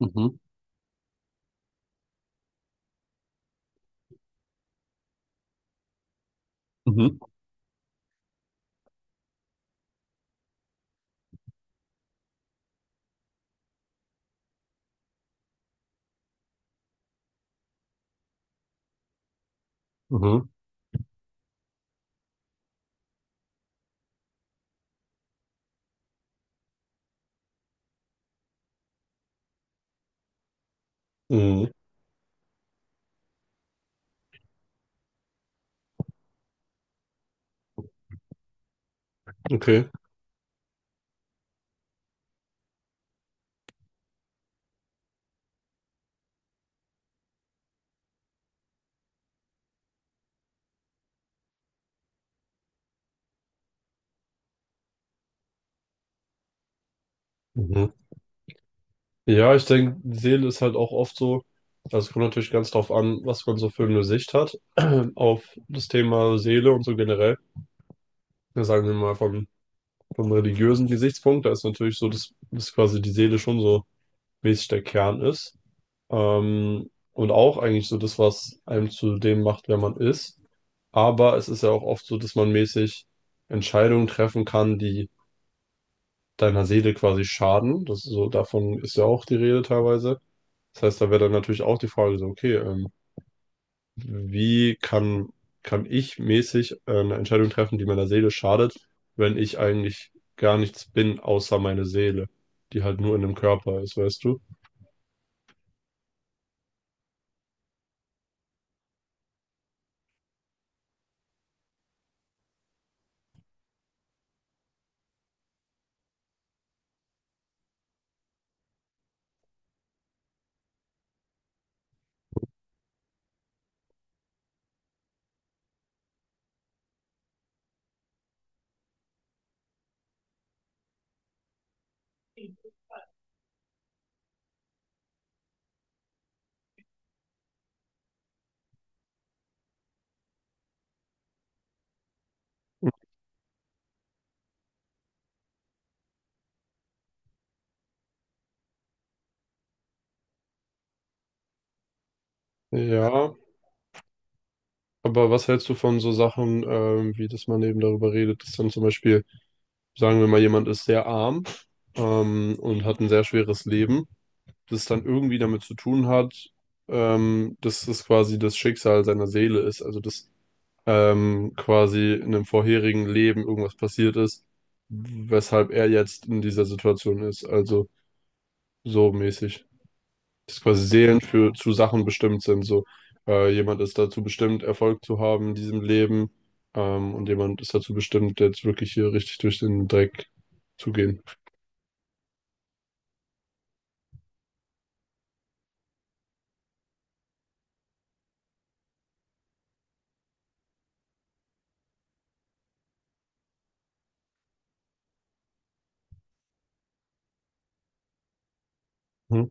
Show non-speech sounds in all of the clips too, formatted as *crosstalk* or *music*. Mhm. Mhm. Mhm. Mhm. Okay. Mhm. Ja, ich denke, die Seele ist halt auch oft so, also es kommt natürlich ganz drauf an, was man so für eine Sicht hat *clears throat* auf das Thema Seele und so generell. Ja, sagen wir mal vom, vom religiösen Gesichtspunkt, da ist natürlich so, dass, dass quasi die Seele schon so mäßig der Kern ist. Und auch eigentlich so das, was einem zu dem macht, wer man ist. Aber es ist ja auch oft so, dass man mäßig Entscheidungen treffen kann, die deiner Seele quasi schaden. Das ist so, davon ist ja auch die Rede teilweise. Das heißt, da wäre dann natürlich auch die Frage so, okay, wie kann, kann ich mäßig eine Entscheidung treffen, die meiner Seele schadet, wenn ich eigentlich gar nichts bin, außer meine Seele, die halt nur in dem Körper ist, weißt du? Ja, aber was hältst du von so Sachen, wie dass man eben darüber redet, dass dann zum Beispiel, sagen wir mal, jemand ist sehr arm und hat ein sehr schweres Leben. Das dann irgendwie damit zu tun hat, dass es quasi das Schicksal seiner Seele ist. Also dass quasi in einem vorherigen Leben irgendwas passiert ist, weshalb er jetzt in dieser Situation ist. Also so mäßig. Dass quasi Seelen für zu Sachen bestimmt sind. So jemand ist dazu bestimmt, Erfolg zu haben in diesem Leben. Und jemand ist dazu bestimmt, jetzt wirklich hier richtig durch den Dreck zu gehen. Mhm.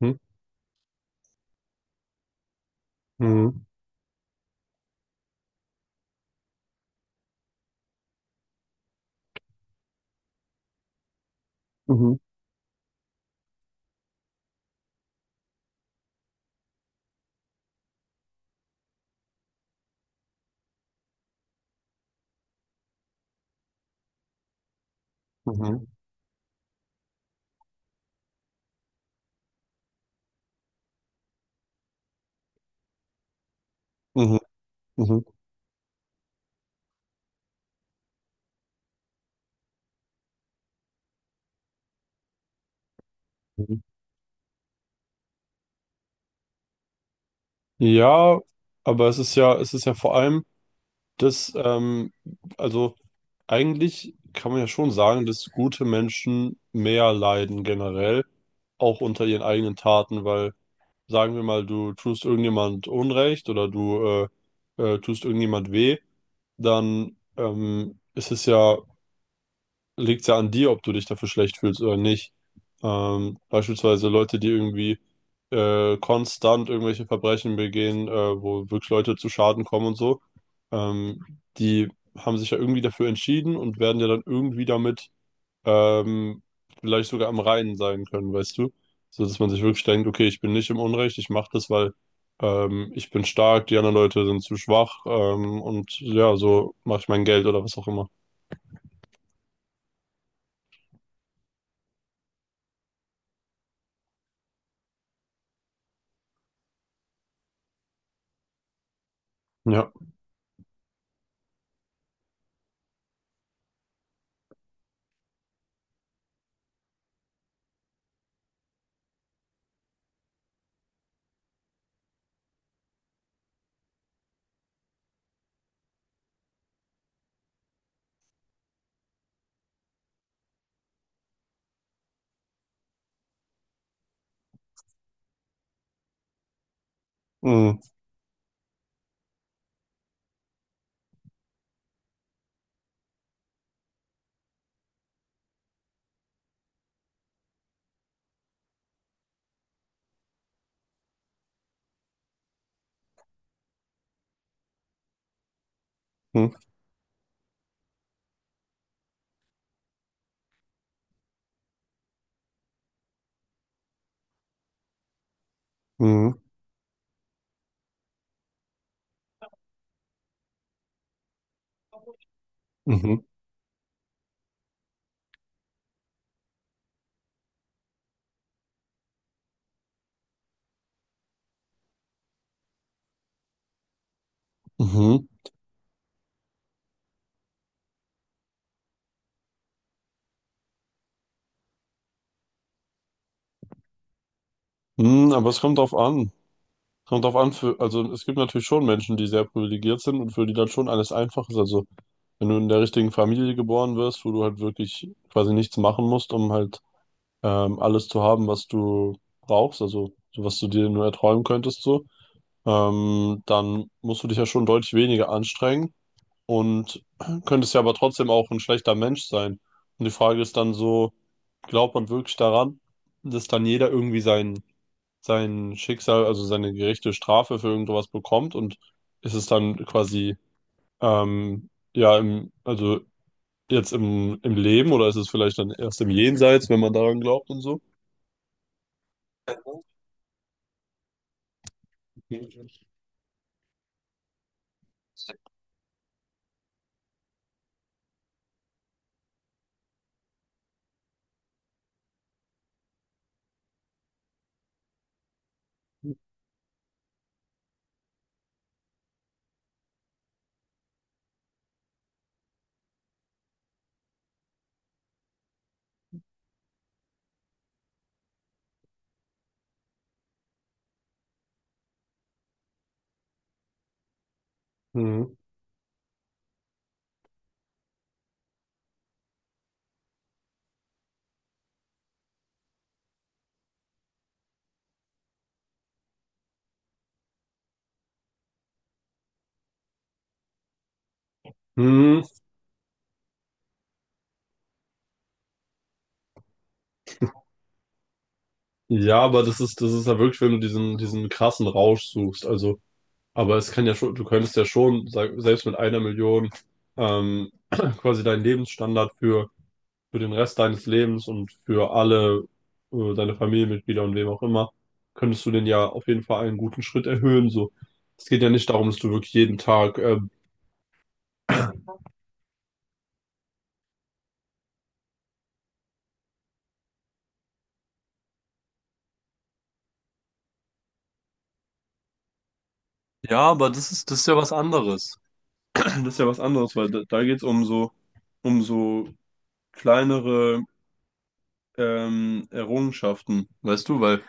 Mhm. Mhm. Mhm. Mhm. Mhm. Mhm. Ja, aber es ist ja vor allem das, also eigentlich kann man ja schon sagen, dass gute Menschen mehr leiden generell, auch unter ihren eigenen Taten, weil sagen wir mal, du tust irgendjemand Unrecht oder du tust irgendjemand weh, dann ist es ja liegt ja an dir, ob du dich dafür schlecht fühlst oder nicht. Beispielsweise Leute, die irgendwie konstant irgendwelche Verbrechen begehen, wo wirklich Leute zu Schaden kommen und so, ähm, die haben sich ja irgendwie dafür entschieden und werden ja dann irgendwie damit ähm, vielleicht sogar am Reinen sein können, weißt du? So dass man sich wirklich denkt, okay, ich bin nicht im Unrecht, ich mache das, weil ich bin stark, die anderen Leute sind zu schwach und ja, so mache ich mein Geld oder was auch immer. Ja. Mhm. Mhm. Mhm. Mhm. Mhm. Mhm. Aber es kommt drauf an. Kommt drauf an für, also es gibt natürlich schon Menschen, die sehr privilegiert sind und für die dann schon alles einfach ist. Also wenn du in der richtigen Familie geboren wirst, wo du halt wirklich quasi nichts machen musst, um halt alles zu haben, was du brauchst, also so was du dir nur erträumen könntest, so, dann musst du dich ja schon deutlich weniger anstrengen und *clears throat* könntest ja aber trotzdem auch ein schlechter Mensch sein. Und die Frage ist dann so, glaubt man wirklich daran, dass dann jeder irgendwie sein sein Schicksal, also seine gerechte Strafe für irgendwas bekommt und ist es dann quasi, ja, im, also jetzt im, im Leben oder ist es vielleicht dann erst im Jenseits, wenn man daran glaubt und so? Mhm. Mhm. Ja, aber das ist ja wirklich, wenn du diesen, diesen krassen Rausch suchst. Also, aber es kann ja schon, du könntest ja schon, sag, selbst mit 1 Million, ähm, *clears throat* quasi deinen Lebensstandard für den Rest deines Lebens und für alle deine Familienmitglieder und wem auch immer, könntest du den ja auf jeden Fall einen guten Schritt erhöhen. So, es geht ja nicht darum, dass du wirklich jeden Tag, Ja, aber das ist ja was anderes. *clears throat* Das ist ja was anderes, weil da, da geht es um so kleinere Errungenschaften. Weißt du, weil,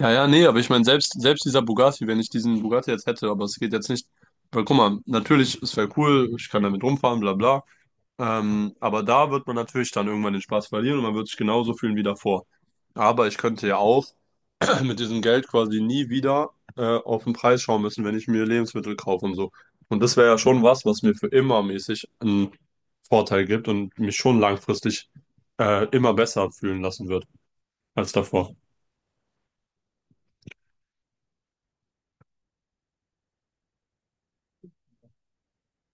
ja, ja, nee, aber ich meine, selbst, selbst dieser Bugatti, wenn ich diesen Bugatti jetzt hätte, aber es geht jetzt nicht, weil guck mal, natürlich, es wäre cool, ich kann damit rumfahren, bla bla, ähm, aber da wird man natürlich dann irgendwann den Spaß verlieren und man wird sich genauso fühlen wie davor. Aber ich könnte ja auch *clears throat* mit diesem Geld quasi nie wieder auf den Preis schauen müssen, wenn ich mir Lebensmittel kaufe und so. Und das wäre ja schon was, was mir für immer mäßig einen Vorteil gibt und mich schon langfristig immer besser fühlen lassen wird als davor.